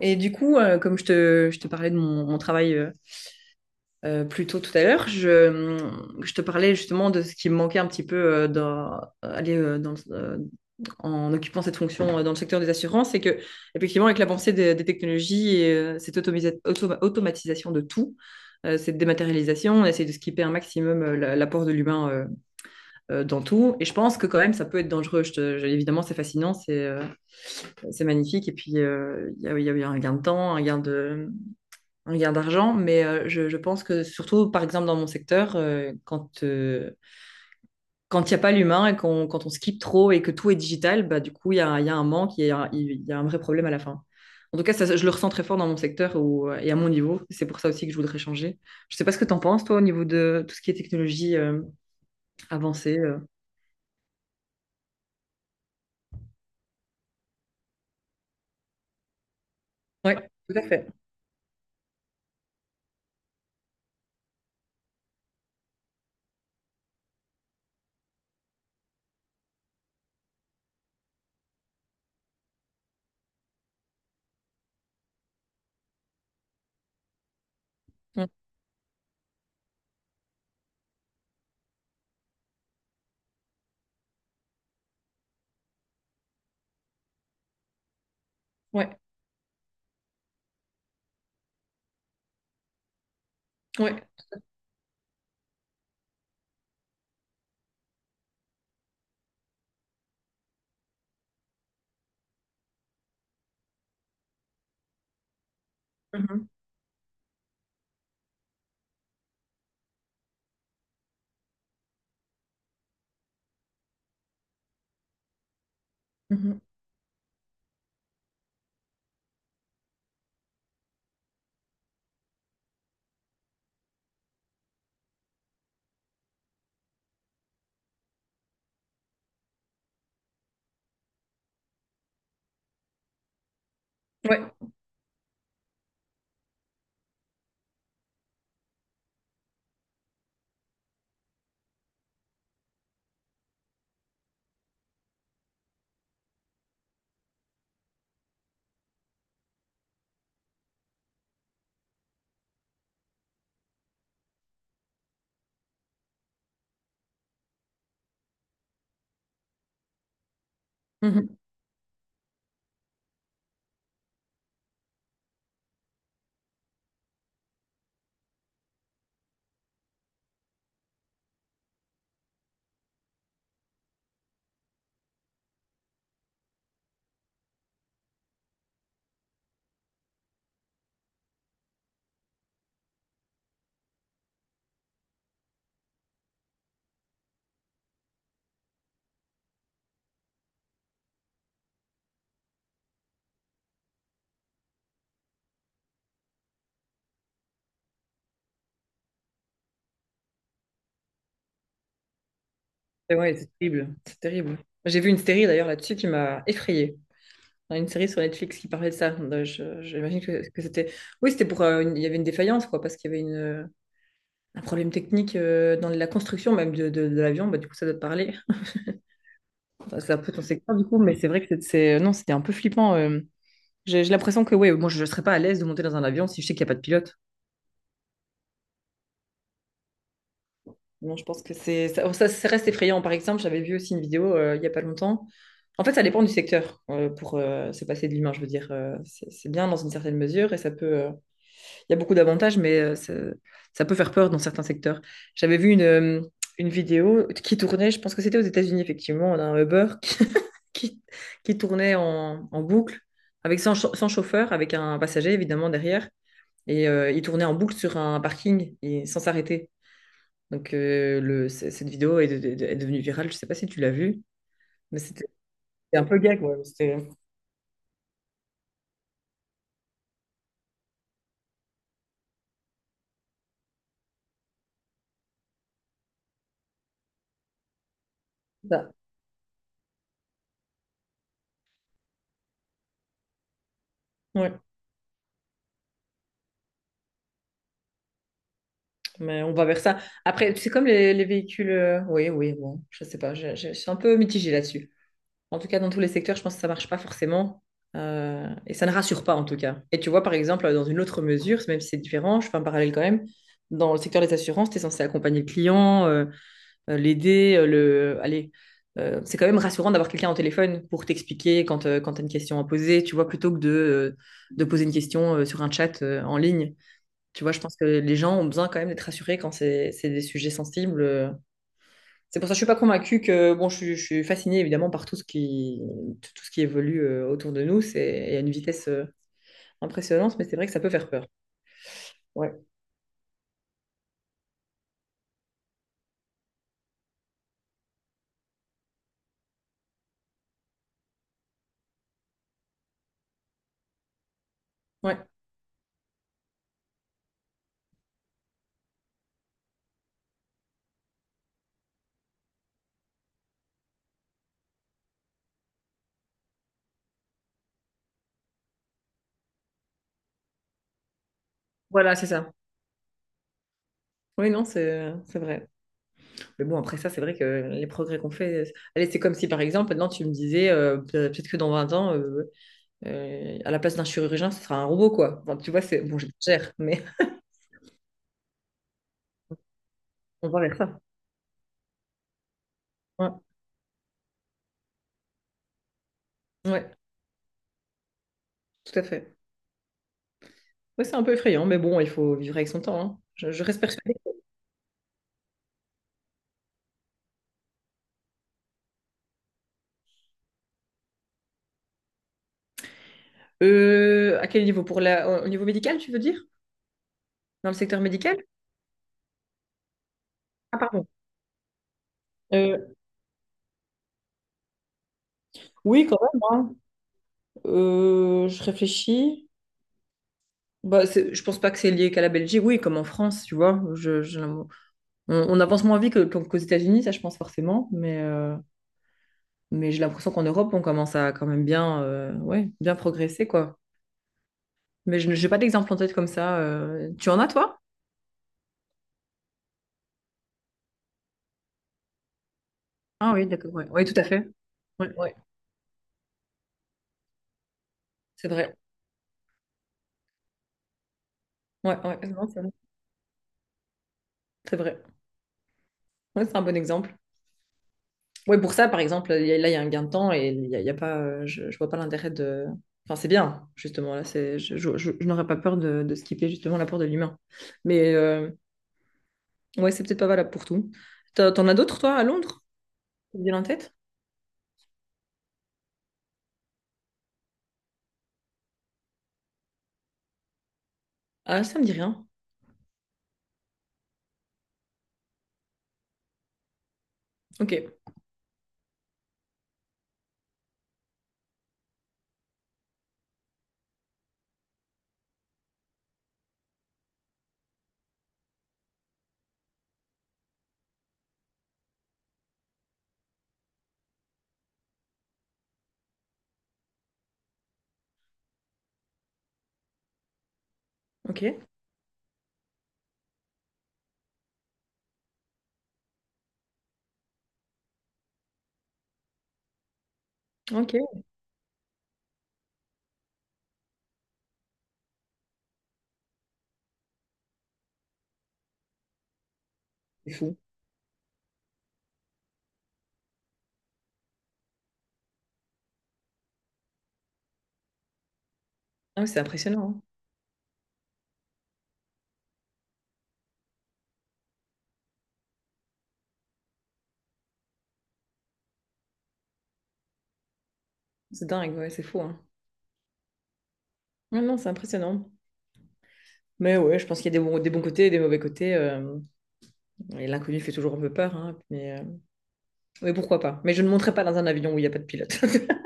Et du coup, comme je te parlais de mon travail plus tôt tout à l'heure, je te parlais justement de ce qui me manquait un petit peu dans, aller, dans en occupant cette fonction dans le secteur des assurances, c'est que effectivement, avec l'avancée des technologies et cette automatisation de tout, cette dématérialisation, on essaie de skipper un maximum l'apport de l'humain dans tout. Et je pense que quand même, ça peut être dangereux. Évidemment, c'est fascinant, c'est magnifique. Et puis, il y a eu un gain de temps, un gain d'argent, mais je pense que surtout, par exemple, dans mon secteur, quand il n'y a pas l'humain quand on skip trop et que tout est digital, bah, du coup, il y a un manque, il y a un vrai problème à la fin. En tout cas, ça, je le ressens très fort dans mon secteur ou et à mon niveau. C'est pour ça aussi que je voudrais changer. Je ne sais pas ce que tu en penses, toi, au niveau de tout ce qui est technologie avancée. Ouais, tout à fait. Mm. Ouais, ouais. Mhm. Mhm. Ouais. Mhm. Et ouais, c'est terrible. C'est terrible. J'ai vu une série d'ailleurs là-dessus qui m'a effrayée. Dans une série sur Netflix qui parlait de ça. Donc, j'imagine que, c'était. Oui, c'était pour. Il y avait une défaillance, quoi, parce qu'il y avait un problème technique dans la construction même de l'avion. Bah, du coup, ça doit te parler. Enfin, c'est un peu ton secteur, du coup, mais c'est vrai que non, c'était un peu flippant. J'ai l'impression que, ouais, moi, je ne serais pas à l'aise de monter dans un avion si je sais qu'il n'y a pas de pilote. Non, je pense que c'est. Ça reste effrayant. Par exemple, j'avais vu aussi une vidéo il n'y a pas longtemps. En fait, ça dépend du secteur pour se passer de l'humain, je veux dire. C'est bien dans une certaine mesure et ça peut. Il y a beaucoup d'avantages, mais ça peut faire peur dans certains secteurs. J'avais vu une vidéo qui tournait, je pense que c'était aux États-Unis, effectivement, d'un Uber qui, qui tournait en boucle, avec sans, cha- sans chauffeur, avec un passager, évidemment, derrière. Et il tournait en boucle sur un parking et sans s'arrêter. Donc, cette vidéo est devenue virale. Je ne sais pas si tu l'as vue, mais c'était un peu gag, ouais. Mais c'était ça. Ouais. Mais on va vers ça. Après, c'est comme les véhicules. Oui, oui, bon, je sais pas. Je suis un peu mitigée là-dessus. En tout cas, dans tous les secteurs, je pense que ça marche pas forcément. Et ça ne rassure pas, en tout cas. Et tu vois, par exemple, dans une autre mesure, même si c'est différent, je fais un parallèle quand même. Dans le secteur des assurances, tu es censé accompagner le client, l'aider, le. Allez. C'est quand même rassurant d'avoir quelqu'un au téléphone pour t'expliquer quand tu as une question à poser, tu vois, plutôt que de poser une question sur un chat en ligne. Tu vois, je pense que les gens ont besoin quand même d'être rassurés quand c'est des sujets sensibles. C'est pour ça que je suis pas convaincue que, bon, je suis fascinée évidemment par tout ce qui évolue autour de nous. C'est à une vitesse impressionnante, mais c'est vrai que ça peut faire peur. Ouais. Ouais. Voilà, c'est ça. Oui, non, c'est vrai. Mais bon, après ça, c'est vrai que les progrès qu'on fait. Allez, c'est comme si par exemple, maintenant tu me disais, peut-être que dans 20 ans, à la place d'un chirurgien, ce sera un robot, quoi. Enfin, tu vois, c'est bon, j'exagère, mais on va vers ça. Ouais, ouais, tout à fait. Ouais, c'est un peu effrayant, mais bon, il faut vivre avec son temps. Hein. Je reste persuadée. À quel niveau? Pour la, au niveau médical, tu veux dire? Dans le secteur médical? Ah, pardon. Euh, oui, quand même. Hein. Je réfléchis. Bah, je pense pas que c'est lié qu'à la Belgique. Oui, comme en France, tu vois. On avance moins vite qu'aux États-Unis, ça, je pense forcément. Mais j'ai l'impression qu'en Europe, on commence à quand même bien, ouais, bien progresser, quoi. Mais je n'ai pas d'exemple en tête comme ça. Tu en as, toi? Ah oui, d'accord. Ouais. Oui, tout à fait. Oui, ouais. C'est vrai. Ouais, ouais, non, c'est vrai. Ouais, c'est un bon exemple. Ouais, pour ça, par exemple, là, il y a un gain de temps et il y a pas, je vois pas l'intérêt de. Enfin, c'est bien, justement. Là, c'est, je n'aurais pas peur de skipper justement l'apport de l'humain. Mais ouais, c'est peut-être pas valable pour tout. T'en as d'autres, toi, à Londres? Qui te viennent en tête? Ah, ça me dit rien. Ok, ok, ok. C'est fou. Ah, ouais, c'est impressionnant. Hein. C'est dingue, ouais, c'est fou. Hein. Ouais, non, c'est impressionnant. Mais ouais, je pense qu'il y a des bons côtés et des mauvais côtés. Et l'inconnu fait toujours un peu peur. Hein, mais, oui, pourquoi pas. Mais je ne monterai pas dans un avion où il n'y a pas de pilote.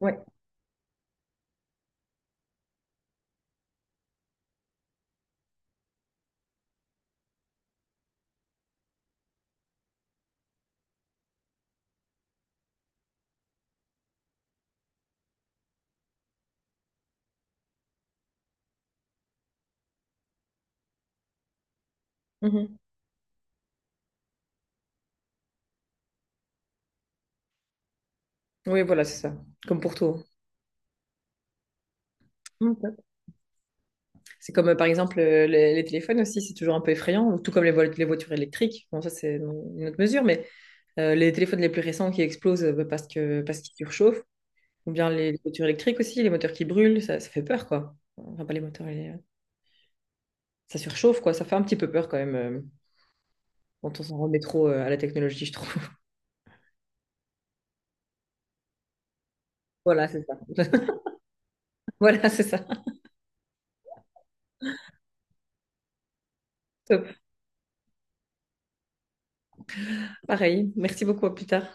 Ouais. Mhm. Oui, voilà, c'est ça. Comme pour tout. Ok. C'est comme, par exemple, les téléphones aussi, c'est toujours un peu effrayant, tout comme les voitures électriques. Bon, ça, c'est dans une autre mesure, mais les téléphones les plus récents qui explosent parce que, parce qu'ils surchauffent, ou bien les voitures électriques aussi, les moteurs qui brûlent, ça fait peur, quoi. Enfin, pas les moteurs, ça surchauffe, quoi. Ça fait un petit peu peur quand même, quand on s'en remet trop à la technologie, je trouve. Voilà, c'est ça. Voilà, c'est ça. Top. Pareil. Merci beaucoup, à plus tard.